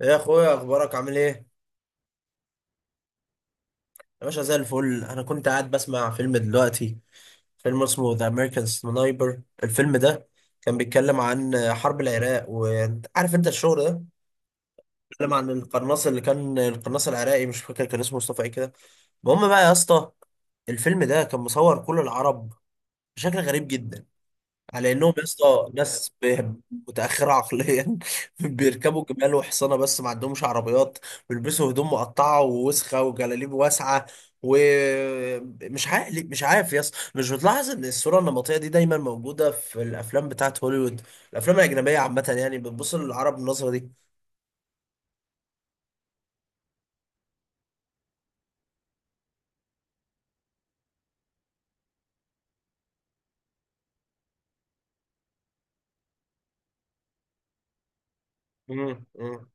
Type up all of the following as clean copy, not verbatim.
يا اخويا، اخبارك عامل ايه؟ يا باشا زي الفل. انا كنت قاعد بسمع فيلم دلوقتي، فيلم اسمه ذا امريكان سنايبر. الفيلم ده كان بيتكلم عن حرب العراق، وعارف انت الشغل ده. بيتكلم عن القناص اللي كان، القناص العراقي مش فاكر كان اسمه مصطفى ايه كده. المهم بقى يا اسطى، الفيلم ده كان مصور كل العرب بشكل غريب جدا، على انهم يا اسطى ناس متاخره عقليا بيركبوا جمال وحصانه بس ما عندهمش عربيات. بيلبسوا هدوم مقطعه ووسخه وجلاليب واسعه. ومش عارف مش عارف يا اسطى، مش بتلاحظ ان الصوره النمطيه دي دايما موجوده في الافلام بتاعت هوليوود؟ الافلام الاجنبيه عامه يعني بتبص للعرب بالنظره دي. مم. مم.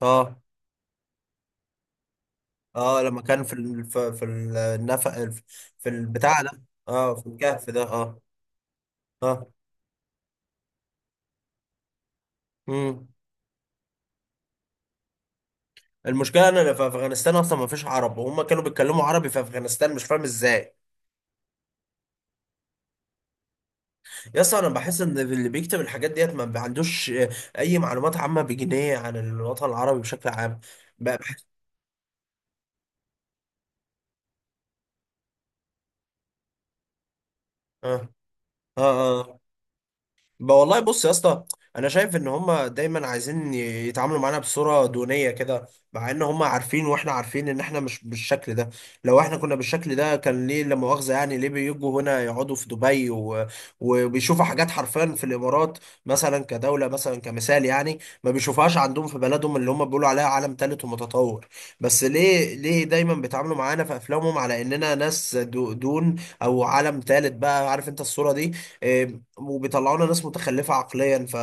اه، اه. لما كان في ال... في في النفق، في البتاع ده. اه، في الكهف ده. اه، اه. مم. المشكله ان انا في افغانستان اصلا ما فيش عرب، وهم كانوا بيتكلموا عربي في افغانستان مش فاهم ازاي. يا اسطى انا بحس ان اللي بيكتب الحاجات ديت ما عندوش اي معلومات عامه بجنيه عن الوطن العربي بشكل عام. بقى بحس. اه، اه. آه. بقى والله، بص يا اسطى، انا شايف ان هما دايما عايزين يتعاملوا معانا بصوره دونيه كده. مع ان هما عارفين واحنا عارفين ان احنا مش بالشكل ده. لو احنا كنا بالشكل ده كان ليه لا مؤاخذه، يعني ليه بيجوا هنا يقعدوا في دبي وبيشوفوا حاجات حرفيا في الامارات، مثلا كدوله، مثلا كمثال يعني، ما بيشوفهاش عندهم في بلدهم اللي هما بيقولوا عليها عالم ثالث ومتطور. بس ليه، ليه دايما بيتعاملوا معانا في افلامهم على اننا ناس دون، او عالم ثالث، بقى عارف انت الصوره دي. آه، وبيطلعوا لنا ناس متخلفه عقليا. ف،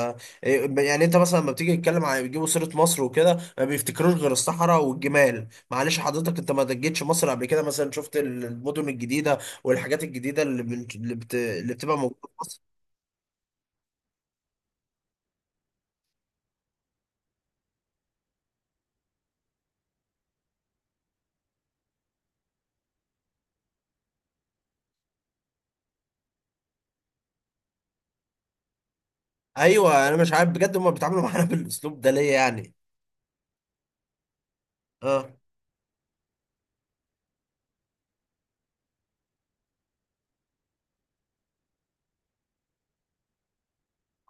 يعني انت مثلا لما بتيجي تتكلم عن بيجيبوا سيره مصر وكده ما بيفتكروش غير الصحراء والجمال. معلش حضرتك، انت ما دجيتش مصر قبل كده؟ مثلا شفت المدن الجديده والحاجات الجديده اللي بن... اللي, بت... اللي بتبقى موجوده في مصر. ايوه، انا مش عارف بجد هم بيتعاملوا معانا بالاسلوب ده ليه يعني. اه،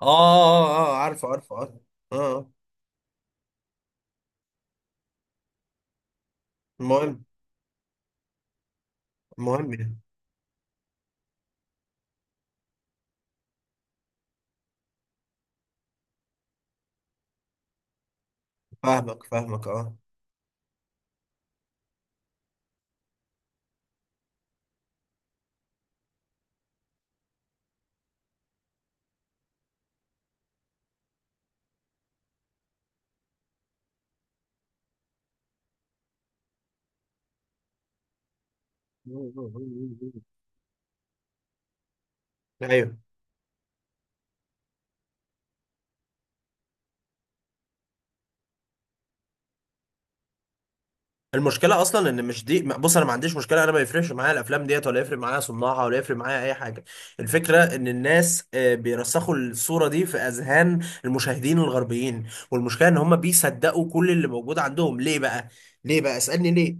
اه، اه، آه، عارفه عارفه اه. اه. آه. المهم، المهم يعني. فاهمك فاهمك اه. ايوه. المشكله اصلا ان مش دي، بص انا ما عنديش مشكله، انا ما يفرقش معايا الافلام ديت ولا يفرق معايا صناعها ولا يفرق معايا اي حاجه. الفكره ان الناس بيرسخوا الصوره دي في اذهان المشاهدين الغربيين، والمشكله ان هم بيصدقوا كل اللي موجود عندهم. ليه بقى؟ ليه بقى؟ اسالني ليه.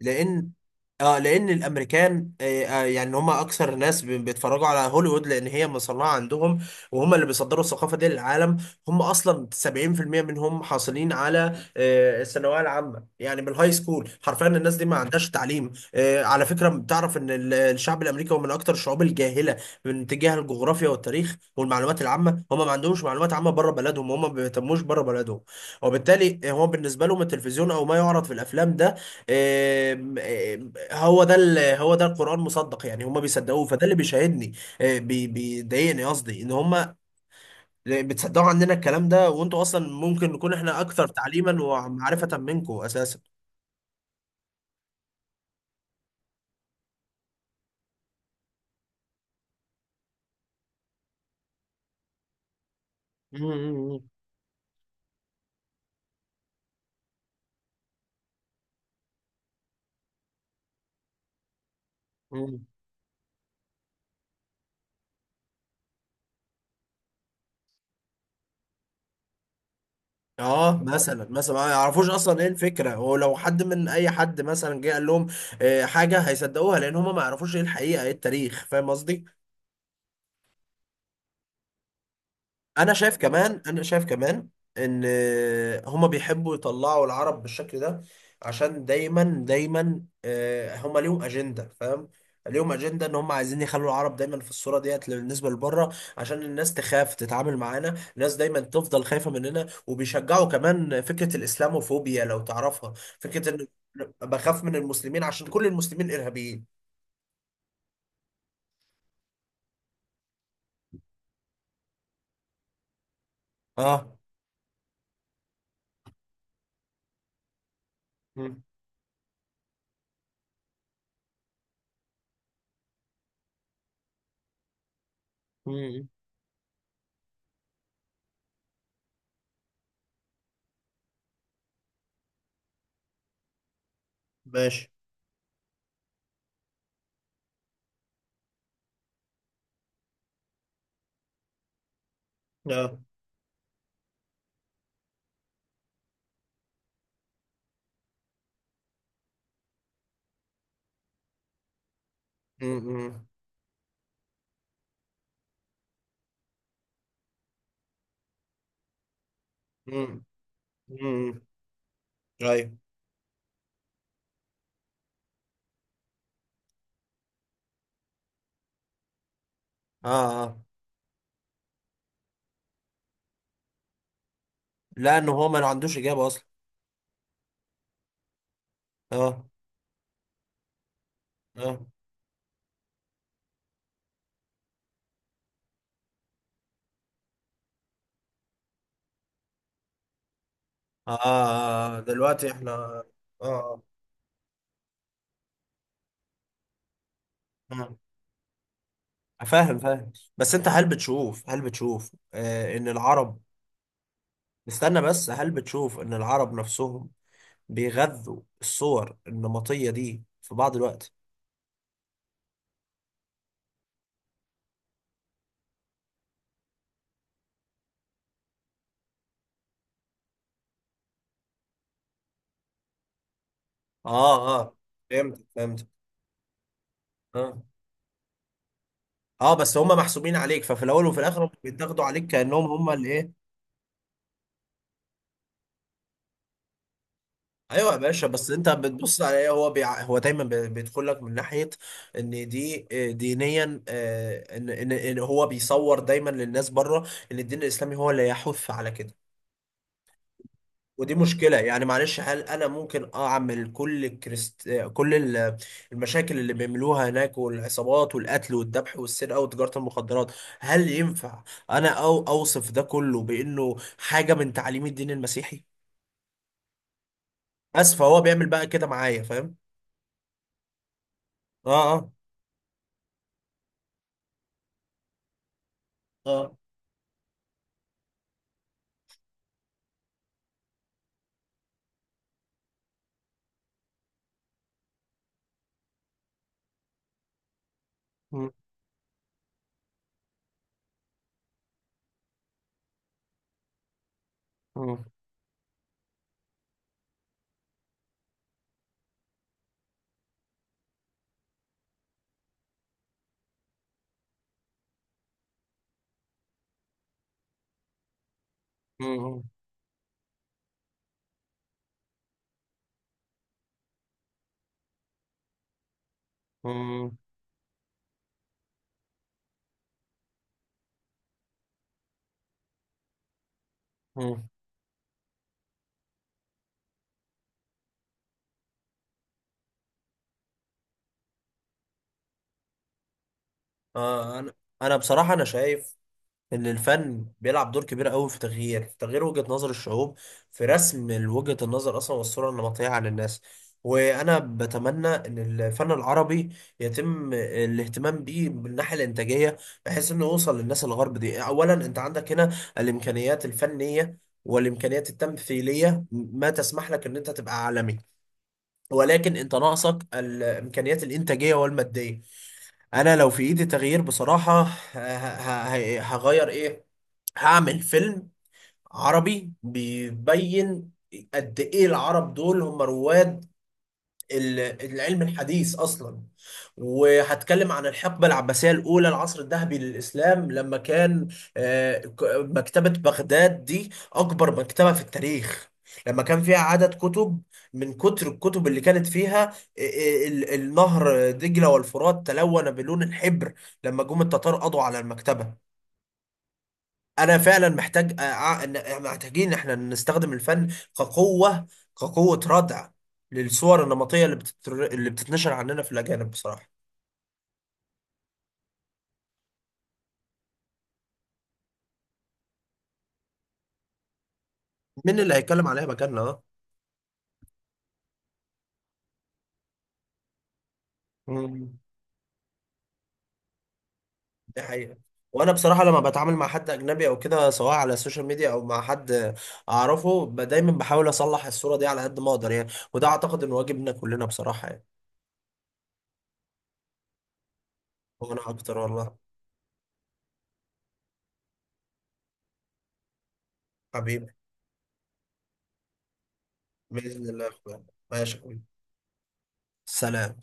لان، اه، لان الامريكان، يعني هم اكثر ناس بيتفرجوا على هوليوود لان هي مصنعه عندهم، وهم اللي بيصدروا الثقافه دي للعالم. هم اصلا 70% منهم حاصلين على الثانويه العامه، يعني من الهاي سكول. حرفيا الناس دي ما عندهاش تعليم. على فكره بتعرف ان الشعب الامريكي هو من اكثر الشعوب الجاهله من تجاه الجغرافيا والتاريخ والمعلومات العامه. هم ما عندهمش معلومات عامه بره بلدهم، هم ما بيهتموش بره بلدهم. وبالتالي هو بالنسبه لهم التلفزيون او ما يعرض في الافلام ده، هو ده هو ده القرآن مصدق يعني، هم بيصدقوه. فده اللي بيشاهدني. بيضايقني قصدي ان هم بتصدقوا عننا الكلام ده، وانتوا اصلا ممكن نكون احنا اكثر تعليما ومعرفة منكم اساسا. مم. مم. اه، مثلا، مثلا ما يعرفوش اصلا ايه الفكره، ولو حد من اي حد مثلا جه قال لهم حاجه هيصدقوها لان هم ما يعرفوش ايه الحقيقه ايه التاريخ، فاهم قصدي. انا شايف كمان، انا شايف كمان ان هما بيحبوا يطلعوا العرب بالشكل ده عشان دايما دايما، هما ليهم اجنده، فاهم. ليهم اجنده ان هما عايزين يخلوا العرب دايما في الصوره ديت بالنسبه لبره، عشان الناس تخاف تتعامل معانا، الناس دايما تفضل خايفه مننا. وبيشجعوا كمان فكره الاسلاموفوبيا لو تعرفها، فكره ان بخاف من المسلمين عشان كل المسلمين ارهابيين. اه. مم. مم. ماشي. اه. مم. مم. مم. ايوه. اه. اه، لانه هو ما عندوش اجابه اصلا. اه، اه، اه, آه. دلوقتي احنا اه. اه. آه. فاهم، فاهم، بس انت هل بتشوف، هل بتشوف آه ان العرب... استنى بس، هل بتشوف ان العرب نفسهم بيغذوا الصور النمطيه دي في بعض الوقت؟ اه، اه. فهمت، فهمت اه. اه بس هم محسوبين عليك، ففي الاول وفي الاخر هم بيتاخدوا عليك كانهم هم اللي ايه. ايوه يا باشا. بس انت بتبص على ايه، هو هو دايما بيدخل لك من ناحيه ان دي دينيا، ان هو بيصور دايما للناس بره ان الدين الاسلامي هو اللي يحث على كده. ودي مشكله يعني. معلش، هل انا ممكن اعمل كل كريست... آه، كل ال- المشاكل اللي بيعملوها هناك والعصابات والقتل والذبح والسرقه وتجاره المخدرات، هل ينفع انا او اوصف ده كله بانه حاجه من تعاليم الدين المسيحي؟ اسف، هو بيعمل بقى كده معايا فاهم. اه، اه، اه. مم. مم. مم. مم. مم. آه. انا، انا بصراحه انا شايف ان الفن بيلعب دور كبير قوي في تغيير، في تغيير وجهه نظر الشعوب، في رسم وجهه النظر اصلا والصوره النمطيه عن الناس. وانا بتمنى ان الفن العربي يتم الاهتمام بيه من الناحيه الانتاجيه، بحيث انه يوصل للناس الغرب دي. اولا انت عندك هنا الامكانيات الفنيه والامكانيات التمثيليه ما تسمح لك ان انت تبقى عالمي، ولكن انت ناقصك الامكانيات الانتاجيه والماديه. انا لو في ايدي تغيير بصراحه، هغير ايه. هعمل فيلم عربي بيبين قد ايه العرب دول هم رواد ال- العلم الحديث اصلا. وهتكلم عن الحقبه العباسيه الاولى، العصر الذهبي للاسلام، لما كان مكتبه بغداد دي اكبر مكتبه في التاريخ، لما كان فيها عدد كتب، من كتر الكتب اللي كانت فيها النهر دجله والفرات تلون بلون الحبر لما جم التتار قضوا على المكتبه. انا فعلا محتاج محتاجين احنا نستخدم الفن كقوه، كقوه ردع للصور النمطيه اللي بتتنشر عننا في الاجانب بصراحه. مين اللي هيتكلم عليها مكاننا؟ اه. مم. دي حقيقه. وانا بصراحه لما بتعامل مع حد اجنبي او كده، سواء على السوشيال ميديا او مع حد اعرفه، دايما بحاول اصلح الصوره دي على قد ما اقدر يعني، وده اعتقد ان واجبنا كلنا بصراحه يعني. وانا اكتر والله حبيبي. باذن الله يا اخويا. ماشي يا حبيبي. سلام.